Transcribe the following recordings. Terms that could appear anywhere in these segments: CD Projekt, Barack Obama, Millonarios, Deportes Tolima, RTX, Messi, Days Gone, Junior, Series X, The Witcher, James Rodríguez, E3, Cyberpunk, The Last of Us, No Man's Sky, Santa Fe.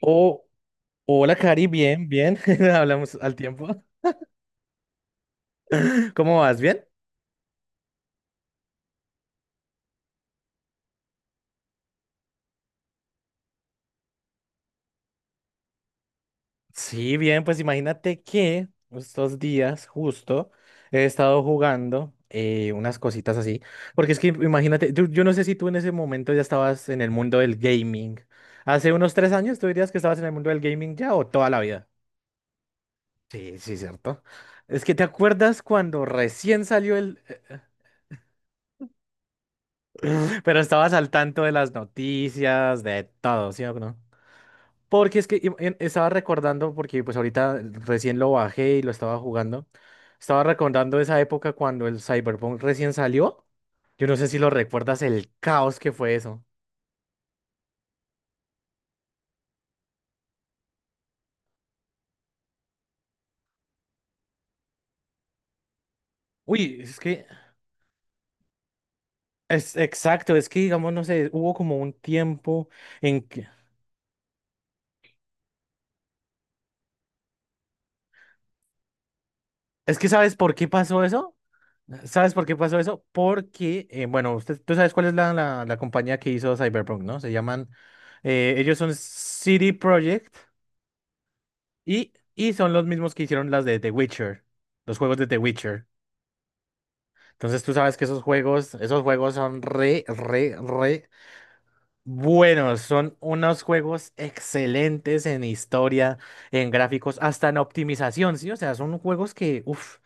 Oh, hola, Cari, bien, bien. Hablamos al tiempo. ¿Cómo vas? ¿Bien? Sí, bien, pues imagínate que estos días justo he estado jugando unas cositas así, porque es que imagínate, yo no sé si tú en ese momento ya estabas en el mundo del gaming. Hace unos 3 años, ¿tú dirías que estabas en el mundo del gaming ya o toda la vida? Sí, sí, cierto. Es que te acuerdas cuando recién salió el. Pero estabas al tanto de las noticias, de todo, ¿sí o no? Porque es que estaba recordando, porque pues ahorita recién lo bajé y lo estaba jugando. Estaba recordando esa época cuando el Cyberpunk recién salió. Yo no sé si lo recuerdas, el caos que fue eso. Uy, es que es exacto, es que digamos, no sé, hubo como un tiempo en que. Es que, ¿sabes por qué pasó eso? ¿Sabes por qué pasó eso? Porque, bueno, usted, tú sabes cuál es la compañía que hizo Cyberpunk, ¿no? Se llaman, ellos son CD Projekt. Y son los mismos que hicieron las de The Witcher, los juegos de The Witcher. Entonces tú sabes que esos juegos son re, re, re buenos. Son unos juegos excelentes en historia, en gráficos, hasta en optimización, ¿sí? O sea, son juegos que, uff,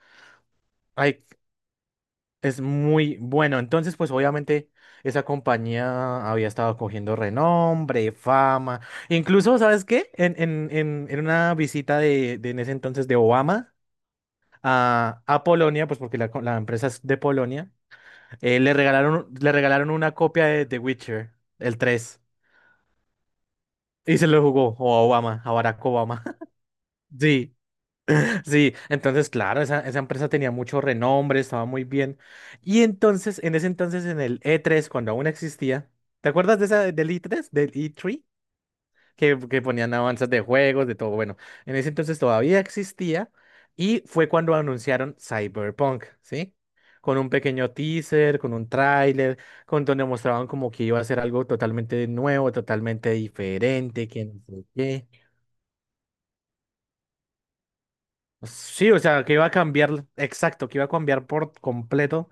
es muy bueno. Entonces, pues obviamente esa compañía había estado cogiendo renombre, fama. Incluso, ¿sabes qué? En una visita de en ese entonces de Obama a Polonia, pues porque la empresa es de Polonia, le regalaron una copia de The Witcher, el 3, y se lo jugó o a Obama, a Barack Obama. Sí, sí, entonces claro, esa empresa tenía mucho renombre, estaba muy bien. Y entonces, en ese entonces, en el E3 cuando aún existía, ¿te acuerdas de del E3? ¿Del E3? Que ponían avanzas de juegos, de todo. Bueno, en ese entonces todavía existía y fue cuando anunciaron Cyberpunk, ¿sí? Con un pequeño teaser, con un tráiler, con donde mostraban como que iba a ser algo totalmente nuevo, totalmente diferente, que no sé qué. Sí, o sea, que iba a cambiar, exacto, que iba a cambiar por completo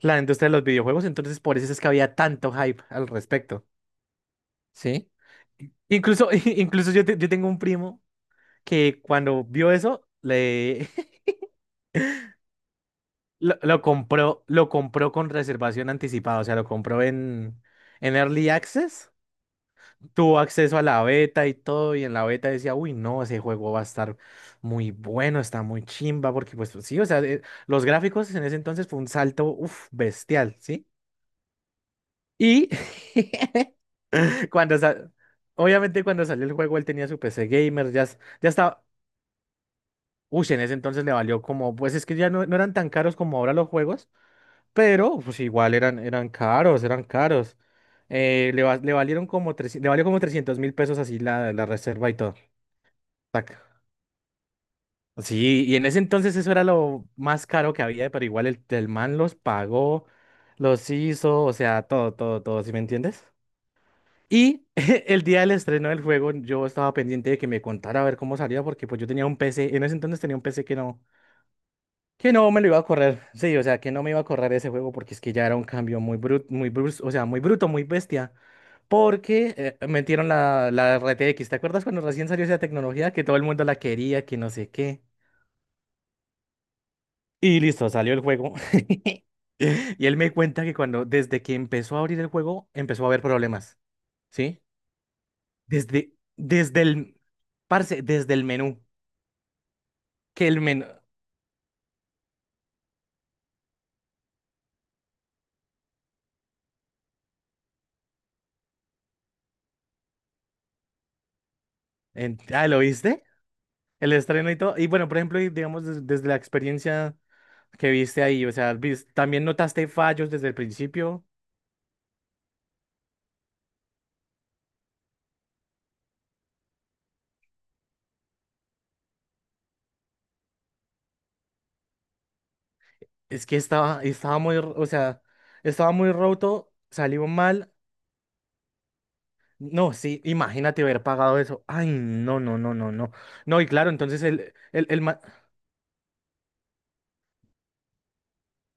la industria de los videojuegos, entonces por eso es que había tanto hype al respecto, ¿sí? Incluso, incluso yo, yo tengo un primo que cuando vio eso, le lo compró, lo compró con reservación anticipada, o sea, lo compró en Early Access, tuvo acceso a la beta y todo, y en la beta decía, uy, no, ese juego va a estar muy bueno, está muy chimba, porque pues sí, o sea, los gráficos en ese entonces fue un salto, uff, bestial, ¿sí? Y cuando sa- obviamente cuando salió el juego, él tenía su PC gamer, ya, ya estaba. Uy, en ese entonces le valió como, pues es que ya no eran tan caros como ahora los juegos. Pero, pues igual eran caros, eran caros. Le valieron como 300. Le valió como 300.000 pesos, así la reserva y todo. Tac. Sí, y en ese entonces eso era lo más caro que había, pero igual el man los pagó, los hizo, o sea, todo, todo, todo, ¿sí me entiendes? Y el día del estreno del juego yo estaba pendiente de que me contara a ver cómo salía, porque pues yo tenía un PC, en ese entonces tenía un PC que no. Que no me lo iba a correr, sí, o sea, que no me iba a correr ese juego porque es que ya era un cambio muy bruto, o sea, muy bruto, muy bestia, porque metieron la RTX, ¿te acuerdas cuando recién salió esa tecnología que todo el mundo la quería, que no sé qué? Y listo, salió el juego. Y él me cuenta que cuando, desde que empezó a abrir el juego, empezó a haber problemas, ¿sí? Desde, desde el, desde el menú, que el menú, ah, ¿lo viste? El estreno y todo, y bueno, por ejemplo, y digamos, desde la experiencia. ¿Que viste ahí? O sea, ¿también notaste fallos desde el principio? Es que estaba muy, o sea, estaba muy roto, salió mal. No, sí, imagínate haber pagado eso. Ay, no, no, no, no, no. No, y claro, entonces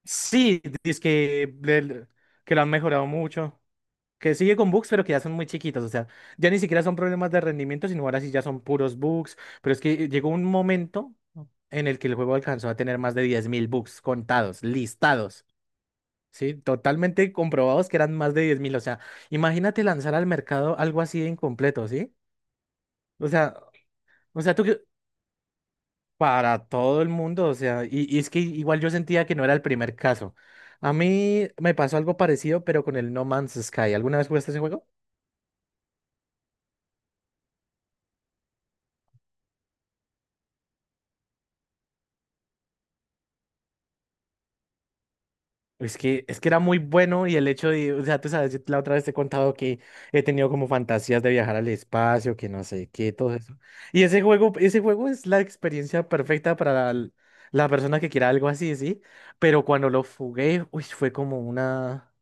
sí, dice que lo han mejorado mucho, que sigue con bugs, pero que ya son muy chiquitos, o sea, ya ni siquiera son problemas de rendimiento, sino ahora sí ya son puros bugs, pero es que llegó un momento en el que el juego alcanzó a tener más de 10.000 bugs contados, listados. Sí, totalmente comprobados que eran más de 10.000. O sea, imagínate lanzar al mercado algo así de incompleto, ¿sí? O sea, tú que para todo el mundo, o sea, y es que igual yo sentía que no era el primer caso. A mí me pasó algo parecido, pero con el No Man's Sky. ¿Alguna vez jugaste ese juego? Es que era muy bueno y el hecho de, o sea, tú sabes, yo la otra vez te he contado que he tenido como fantasías de viajar al espacio, que no sé qué, todo eso. Y ese juego es la experiencia perfecta para la persona que quiera algo así, ¿sí? Pero cuando lo jugué, uy, fue como una.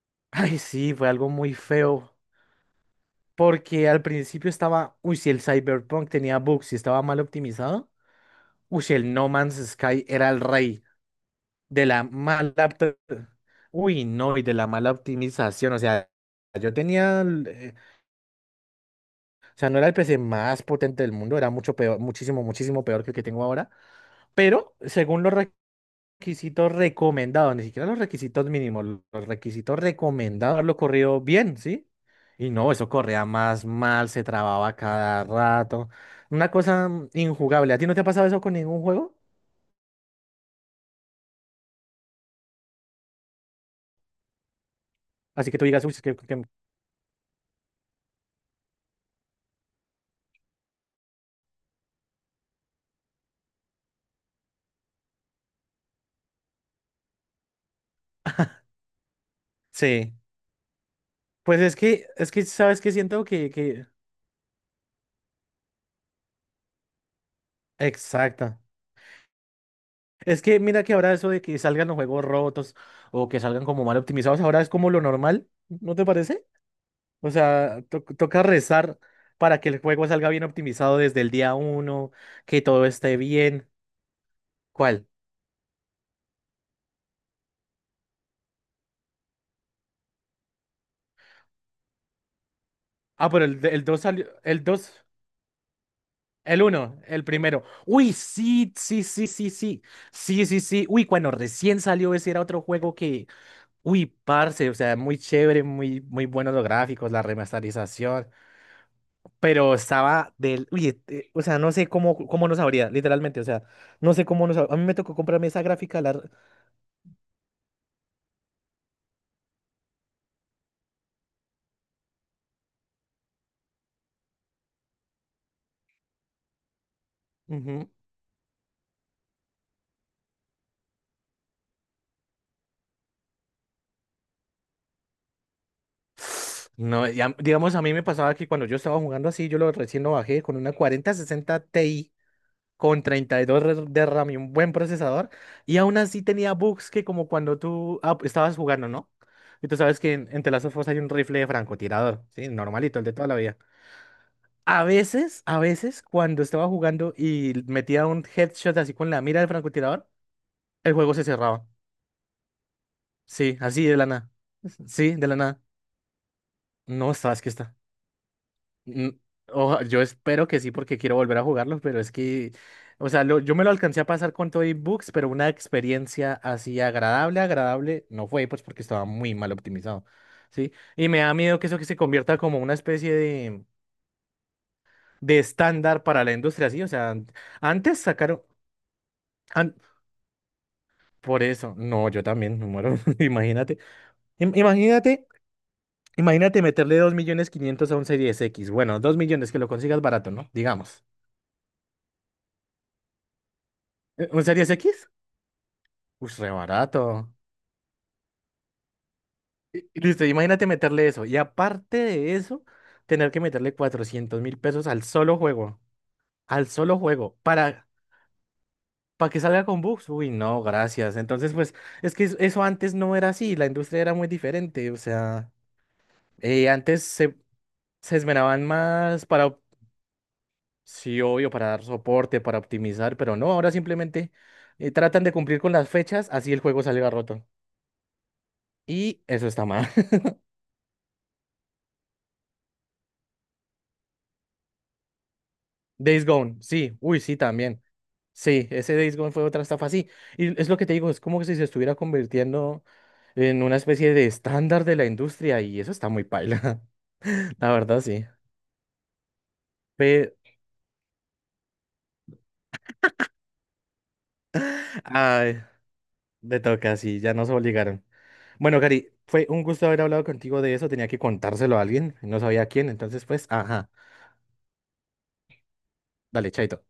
Ay, sí, fue algo muy feo. Porque al principio estaba, uy, si el Cyberpunk tenía bugs y estaba mal optimizado, uy, si el No Man's Sky era el rey de la mala, uy, no, y de la mala optimización, o sea, yo tenía, o sea, no era el PC más potente del mundo, era mucho peor, muchísimo, muchísimo peor que el que tengo ahora, pero según los requisitos recomendados, ni siquiera los requisitos mínimos, los requisitos recomendados lo corrió bien, ¿sí? Y no, eso corría más mal, se trababa cada rato, una cosa injugable. ¿A ti no te ha pasado eso con ningún juego? Así que tú digas, uy, sí. Pues es que, ¿sabes qué? Siento que. Exacto. Es que mira que ahora eso de que salgan los juegos rotos o que salgan como mal optimizados, ahora es como lo normal, ¿no te parece? O sea, toca rezar para que el juego salga bien optimizado desde el día uno, que todo esté bien. ¿Cuál? Ah, pero el 2 salió, el dos, el uno, el primero. Uy, sí, sí, sí, sí, sí, sí, sí, sí. Uy, cuando recién salió ese era otro juego que. Uy, parce, o sea, muy chévere, muy, muy buenos los gráficos, la remasterización, pero estaba del, uy, este, o sea, no sé cómo nos habría, literalmente, o sea, no sé cómo nos hab- A mí me tocó comprarme esa gráfica, la. Ujú. No, digamos, a mí me pasaba que cuando yo estaba jugando así, yo lo recién lo bajé con una 4060 Ti con 32 de RAM y un buen procesador, y aún así tenía bugs que como cuando tú estabas jugando, ¿no? Y tú sabes que en The Last of Us hay un rifle de francotirador, ¿sí? Normalito, el de toda la vida. A veces, cuando estaba jugando y metía un headshot así con la mira del francotirador, el juego se cerraba. Sí, así de la nada. Sí, de la nada. No, sabes que está. Mm, yo espero que sí, porque quiero volver a jugarlo, pero es que, o sea, yo me lo alcancé a pasar con todo y bugs, pero una experiencia así agradable, agradable, no fue, pues porque estaba muy mal optimizado. Sí, y me da miedo que eso que se convierta como una especie de estándar para la industria, sí, o sea, antes sacaron. an- Por eso, no, yo también me muero. Im- imagínate, imagínate meterle 2.500.000 a un Series X. Bueno, 2 millones que lo consigas barato, ¿no? Digamos. ¿Un Series X? Pues re barato. Y listo, imagínate meterle eso. Y aparte de eso, tener que meterle 400.000 pesos al solo juego. Al solo juego. Para que salga con bugs. Uy, no, gracias. Entonces, pues, es que eso antes no era así. La industria era muy diferente. O sea, antes se esmeraban más para. Sí, obvio, para dar soporte, para optimizar, pero no, ahora simplemente tratan de cumplir con las fechas, así el juego salga roto. Y eso está mal. Days Gone, sí, uy, sí, también. Sí, ese Days Gone fue otra estafa, sí. Y es lo que te digo, es como que si se estuviera convirtiendo en una especie de estándar de la industria y eso está muy paila. La verdad, sí. Pero, ay, te toca, sí, ya nos obligaron. Bueno, Gary, fue un gusto haber hablado contigo de eso, tenía que contárselo a alguien, no sabía a quién, entonces pues, ajá. Dale, chaito.